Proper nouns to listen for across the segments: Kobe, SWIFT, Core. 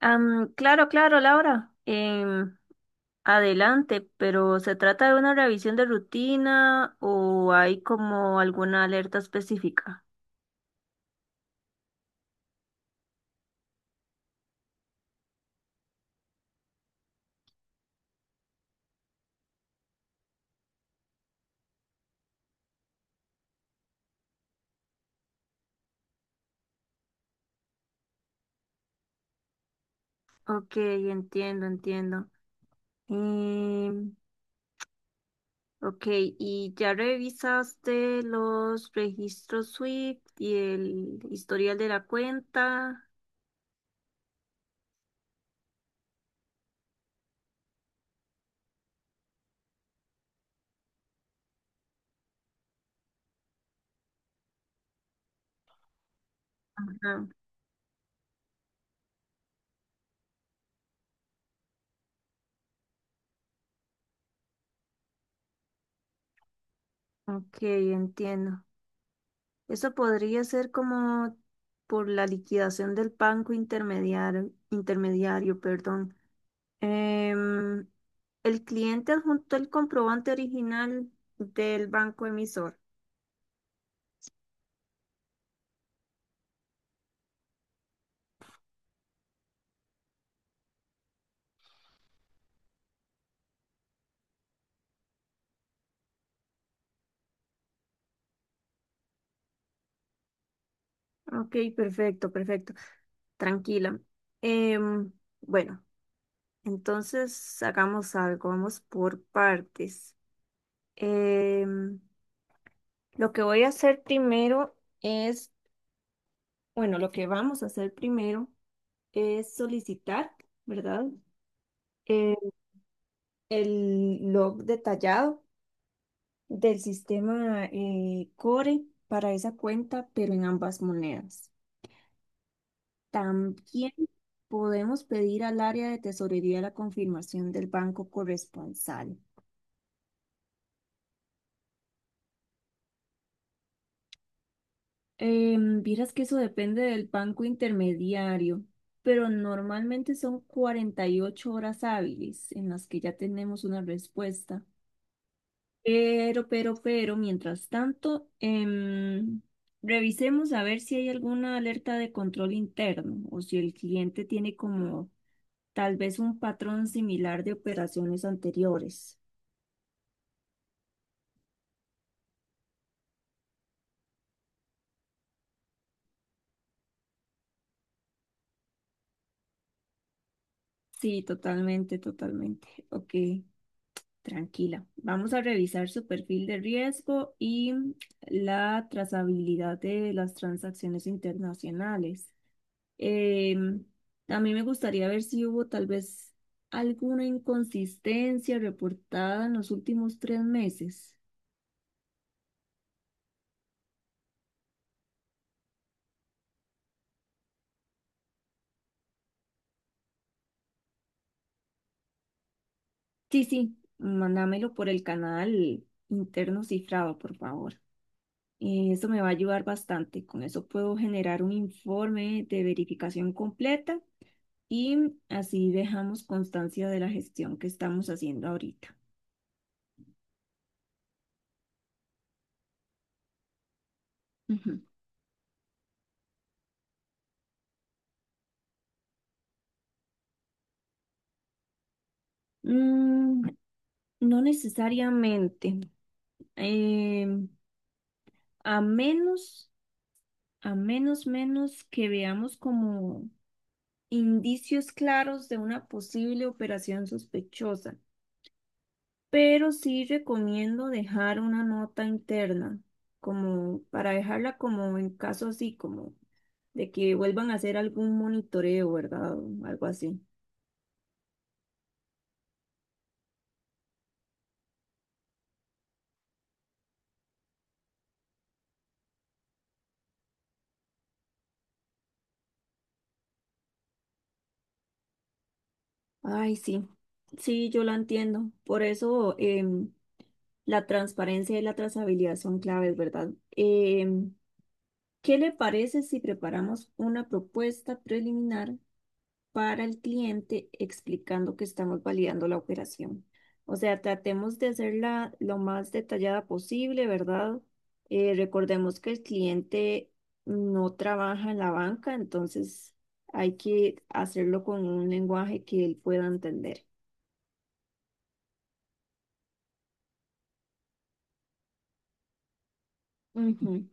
Claro, claro, Laura. Adelante, pero ¿se trata de una revisión de rutina o hay como alguna alerta específica? Ok, entiendo, entiendo. Em, ok, ¿y ya revisaste los registros SWIFT y el historial de la cuenta? Ajá. Ok, entiendo. Eso podría ser como por la liquidación del banco intermediario, intermediario, perdón. Em, el cliente adjuntó el comprobante original del banco emisor. Ok, perfecto, perfecto. Tranquila. Em, bueno, entonces hagamos algo, vamos por partes. Em, lo que voy a hacer primero es, bueno, lo que vamos a hacer primero es solicitar, ¿verdad? Em, el log detallado .del sistema Core para esa cuenta, pero en ambas monedas. También podemos pedir al área de tesorería la confirmación del banco corresponsal. Vieras que eso depende del banco intermediario, pero normalmente son 48 horas hábiles en las que ya tenemos una respuesta. Pero, mientras tanto, revisemos a ver si hay alguna alerta de control interno o si el cliente tiene como tal vez un patrón similar de operaciones anteriores. Sí, totalmente, totalmente. Ok, tranquila. Vamos a revisar su perfil de riesgo y la trazabilidad de las transacciones internacionales. Eh, a mí me gustaría ver si hubo tal vez alguna inconsistencia reportada en los últimos 3 meses. Sí, sí, mándamelo por el canal interno cifrado, por favor. Eso me va a ayudar bastante. Con eso puedo generar un informe de verificación completa y así dejamos constancia de la gestión que estamos haciendo ahorita. Ujú. Mm, no necesariamente. Em, A menos, a menos, menos que veamos como indicios claros de una posible operación sospechosa. Pero sí recomiendo dejar una nota interna, como para dejarla como en caso así, como de que vuelvan a hacer algún monitoreo, ¿verdad? O algo así. Ay, sí, sí, yo la entiendo. Por eso la transparencia y la trazabilidad son claves, ¿verdad? ¿Qué le parece si preparamos una propuesta preliminar para el cliente explicando que estamos validando la operación? O sea, tratemos de hacerla lo más detallada posible, ¿verdad? Recordemos que el cliente no trabaja en la banca, entonces hay que hacerlo con un lenguaje que él pueda entender. Ujú.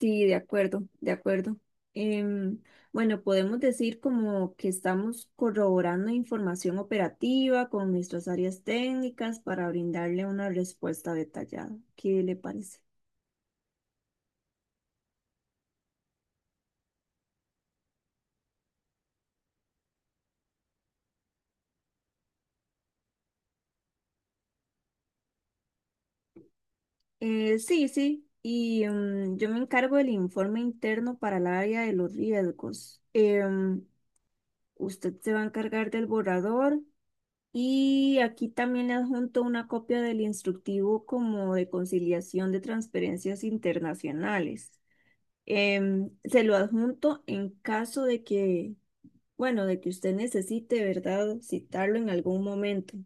Sí, de acuerdo, de acuerdo. Em, bueno, podemos decir como que estamos corroborando información operativa con nuestras áreas técnicas para brindarle una respuesta detallada. ¿Qué le parece? Sí, sí. Y yo me encargo del informe interno para el área de los riesgos. Usted se va a encargar del borrador y aquí también le adjunto una copia del instructivo como de conciliación de transferencias internacionales. Se lo adjunto en caso de que, bueno, de que usted necesite, ¿verdad? Citarlo en algún momento.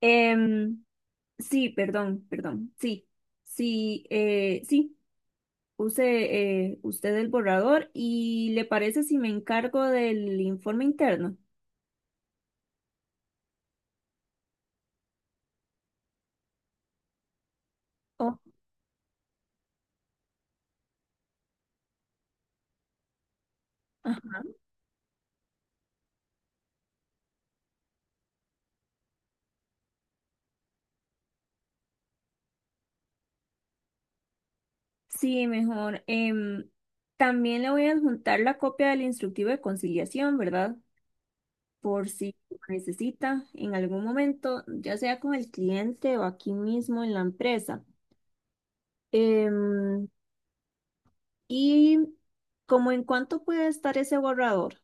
Em, sí, perdón, perdón. Sí, sí, sí. Use usted el borrador y le parece si me encargo del informe interno. Oh, ajá. Sí, mejor. También le voy a adjuntar la copia del instructivo de conciliación, ¿verdad? Por si lo necesita en algún momento, ya sea con el cliente o aquí mismo en la empresa. Em, y como en cuánto puede estar ese borrador.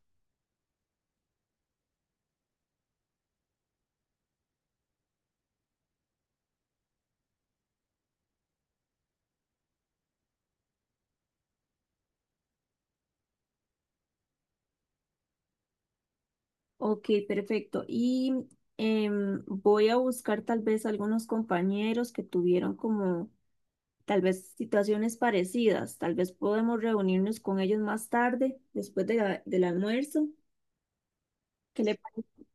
Ok, perfecto. Y voy a buscar tal vez algunos compañeros que tuvieron como tal vez situaciones parecidas. Tal vez podemos reunirnos con ellos más tarde, después de la- del almuerzo. ¿Qué le parece?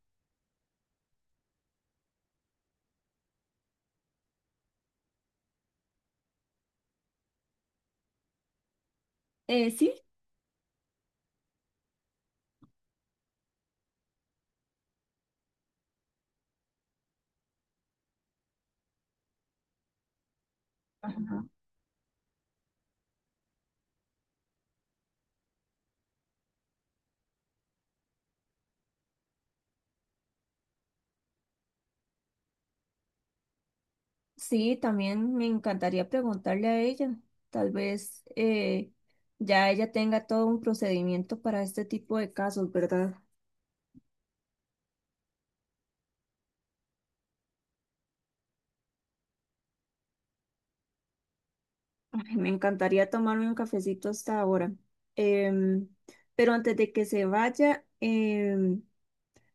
Sí. Sí, también me encantaría preguntarle a ella. Tal vez ya ella tenga todo un procedimiento para este tipo de casos, ¿verdad? Ay, me encantaría tomarme un cafecito hasta ahora. Em, pero antes de que se vaya,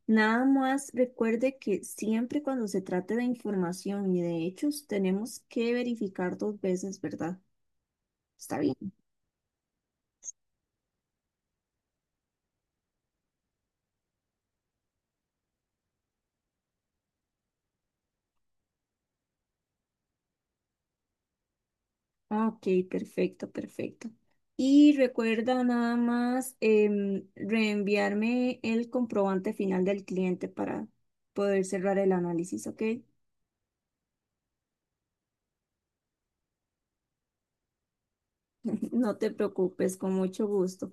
nada más recuerde que siempre cuando se trate de información y de hechos, tenemos que verificar dos veces, ¿verdad? Está bien. Ah, ok, perfecto, perfecto. Y recuerda nada más reenviarme el comprobante final del cliente para poder cerrar el análisis, ¿ok? No te preocupes, con mucho gusto.